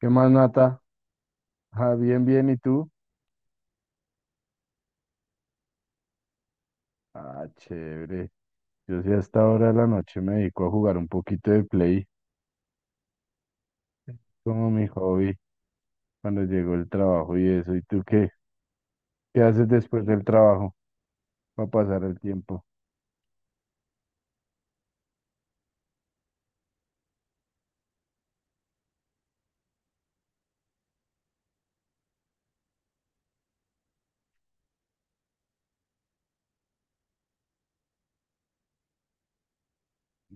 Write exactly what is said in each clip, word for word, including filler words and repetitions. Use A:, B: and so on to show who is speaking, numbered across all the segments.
A: ¿Qué más, Nata? Ah, bien, bien, ¿y tú? Ah, chévere. Yo sí a esta hora de la noche me dedico a jugar un poquito de play, como mi hobby, cuando llegó el trabajo y eso. ¿Y tú qué? ¿Qué haces después del trabajo para pasar el tiempo?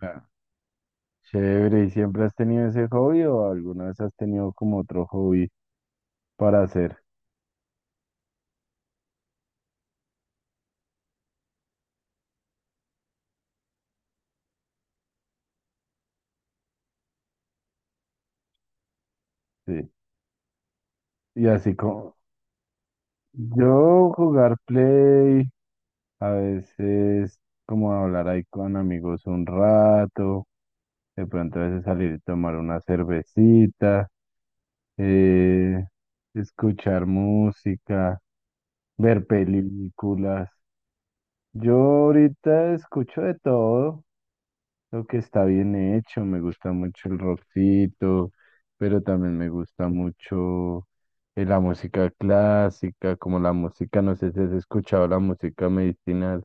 A: Ah, chévere, ¿y siempre has tenido ese hobby o alguna vez has tenido como otro hobby para hacer? Sí. Y así como yo jugar play, a veces como hablar ahí con amigos un rato. De pronto a veces salir y tomar una cervecita, eh, escuchar música, ver películas. Yo ahorita escucho de todo lo que está bien hecho. Me gusta mucho el rockcito, pero también me gusta mucho eh, la música clásica, como la música, no sé si has escuchado la música medicinal.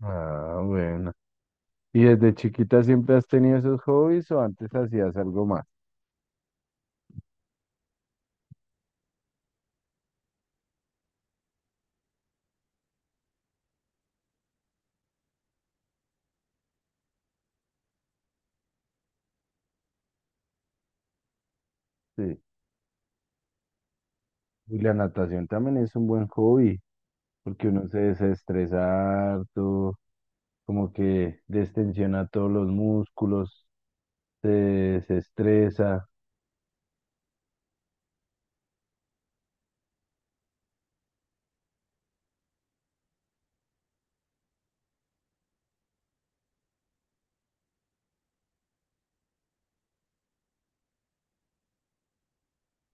A: Ah, bueno. ¿Y desde chiquita siempre has tenido esos hobbies o antes hacías algo más? Sí. Y la natación también es un buen hobby, porque uno se desestresa harto, como que destensiona todos los músculos, se desestresa,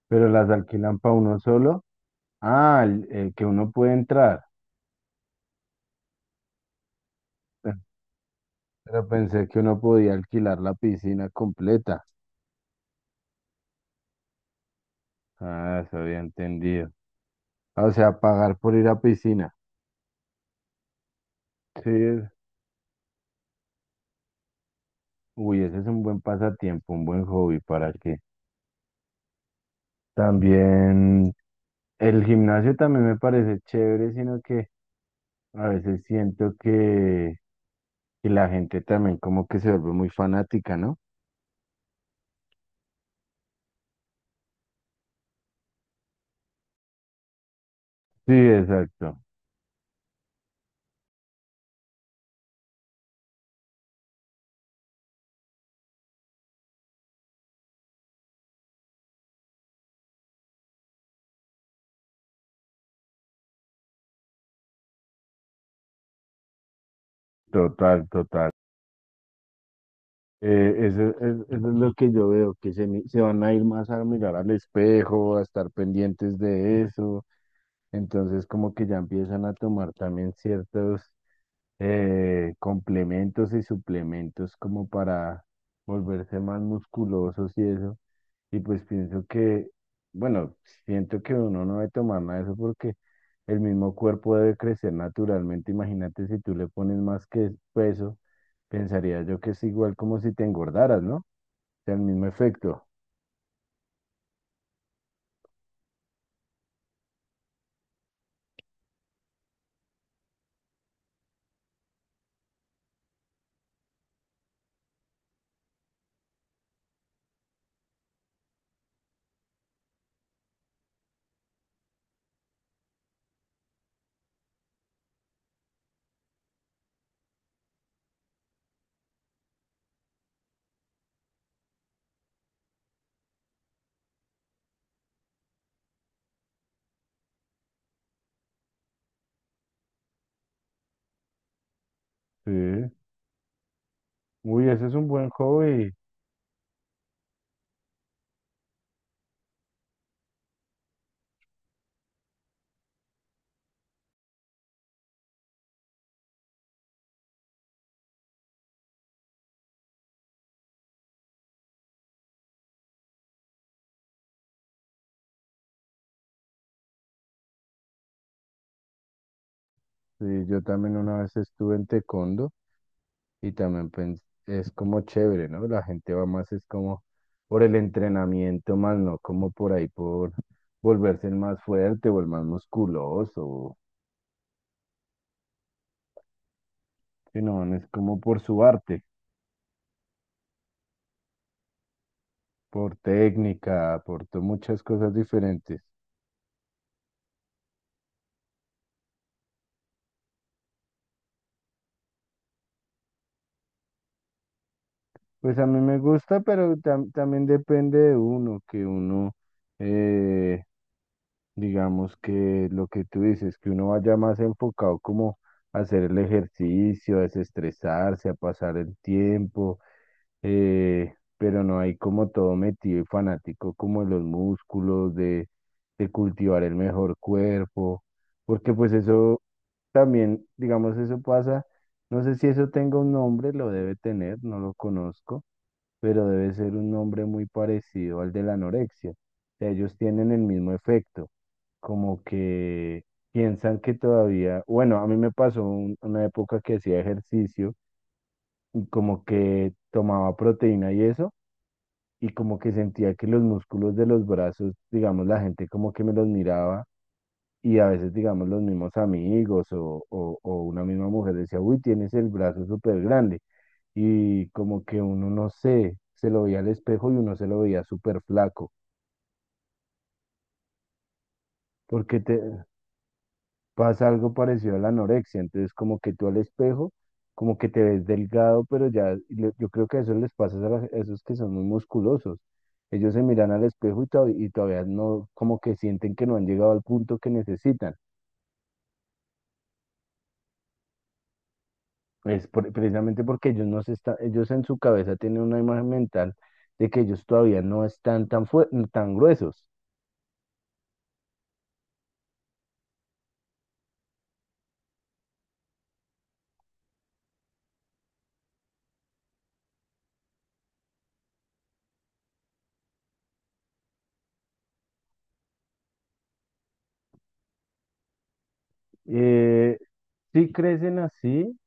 A: pero las alquilan para uno solo. Ah, el, el que uno puede entrar. Pero pensé que uno podía alquilar la piscina completa. Ah, eso había entendido. Ah, o sea, pagar por ir a piscina. Sí, es- Uy, ese es un buen pasatiempo, un buen hobby para qué también. El gimnasio también me parece chévere, sino que a veces siento que, que la gente también como que se vuelve muy fanática, ¿no? Sí, exacto. Total, total. Eh, eso, es eso es lo que yo veo, que se, mi- se van a ir más a mirar al espejo, a estar pendientes de eso. Entonces, como que ya empiezan a tomar también ciertos eh, complementos y suplementos como para volverse más musculosos y eso. Y pues pienso que, bueno, siento que uno no debe tomar nada de eso porque el mismo cuerpo debe crecer naturalmente. Imagínate si tú le pones más que peso, pensaría yo que es igual como si te engordaras, ¿no? Sea el mismo efecto. Sí. Uy, ese es un buen hobby. Sí, yo también una vez estuve en taekwondo y también pens- es como chévere, ¿no? La gente va más, es como por el entrenamiento, más no como por ahí, por volverse el más fuerte o el más musculoso, sino es como por su arte, por técnica, por to- muchas cosas diferentes. Pues a mí me gusta, pero tam- también depende de uno, que uno... eh, digamos que lo que tú dices, que uno vaya más enfocado como a hacer el ejercicio, a desestresarse, a pasar el tiempo, eh, pero no hay como todo metido y fanático como en los músculos, de, de cultivar el mejor cuerpo, porque pues eso también, digamos, eso pasa, no sé si eso tenga un nombre, lo debe tener, no lo conozco, pero debe ser un nombre muy parecido al de la anorexia. O sea, ellos tienen el mismo efecto, como que piensan que todavía, bueno, a mí me pasó un- una época que hacía ejercicio y como que tomaba proteína y eso, y como que sentía que los músculos de los brazos, digamos, la gente como que me los miraba y a veces, digamos, los mismos amigos o, o, o una misma mujer decía, uy, tienes el brazo súper grande, y como que uno no sé, se lo veía al espejo y uno se lo veía súper flaco, porque te, pasa algo parecido a la anorexia, entonces como que tú al espejo, como que te ves delgado, pero ya le- yo creo que eso les pasa a, las- a esos que son muy musculosos. Ellos se miran al espejo y, to- y todavía no, como que sienten que no han llegado al punto que necesitan. Es por- precisamente porque ellos no se están, ellos en su cabeza tienen una imagen mental de que ellos todavía no están tan, fue- tan gruesos. Eh, sí crecen así,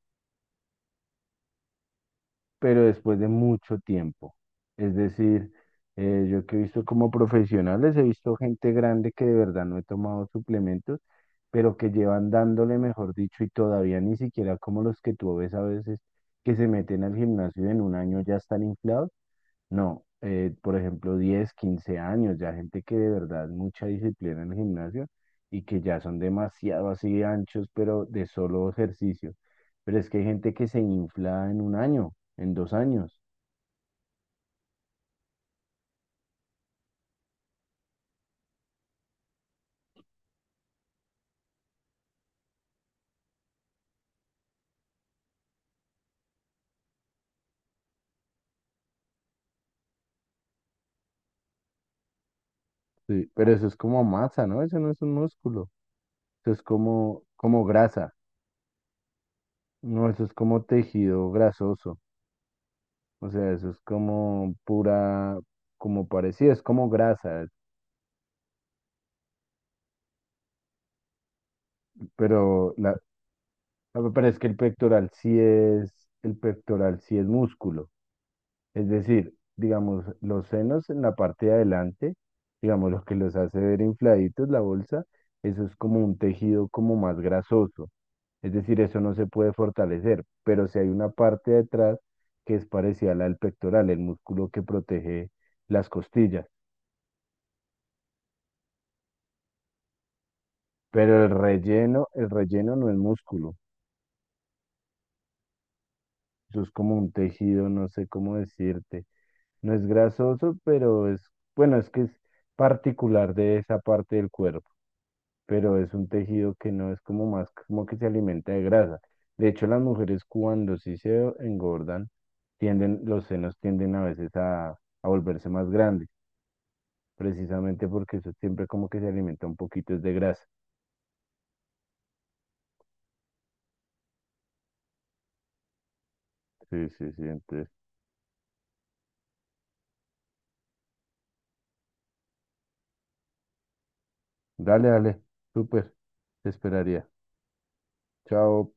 A: pero después de mucho tiempo. Es decir, eh, yo que he visto como profesionales, he visto gente grande que de verdad no he tomado suplementos, pero que llevan dándole, mejor dicho, y todavía ni siquiera como los que tú ves a veces que se meten al gimnasio y en un año ya están inflados. No, eh, por ejemplo, diez quince años, ya gente que de verdad mucha disciplina en el gimnasio y que ya son demasiado así anchos, pero de solo ejercicio. Pero es que hay gente que se infla en un año, en dos años. Sí, pero eso es como masa, ¿no? Eso no es un músculo. Eso es como, como grasa. No, eso es como tejido grasoso. O sea, eso es como pura, como parecido, es como grasa, pero la, no, pero es que el pectoral sí es, el pectoral sí es músculo. Es decir, digamos, los senos en la parte de adelante, digamos, lo que los hace ver infladitos, la bolsa, eso es como un tejido como más grasoso. Es decir, eso no se puede fortalecer, pero si hay una parte detrás que es parecida a la del pectoral, el músculo que protege las costillas. Pero el relleno, el relleno no es músculo, eso es como un tejido, no sé cómo decirte. No es grasoso, pero es, bueno, es que es particular de esa parte del cuerpo, pero es un tejido que no es como más, como que se alimenta de grasa. De hecho, las mujeres cuando sí se engordan, tienden, los senos tienden a veces a, a volverse más grandes, precisamente porque eso siempre como que se alimenta un poquito es de grasa. Sí, sí, sí, entonces, dale, dale, súper, te esperaría. Chao.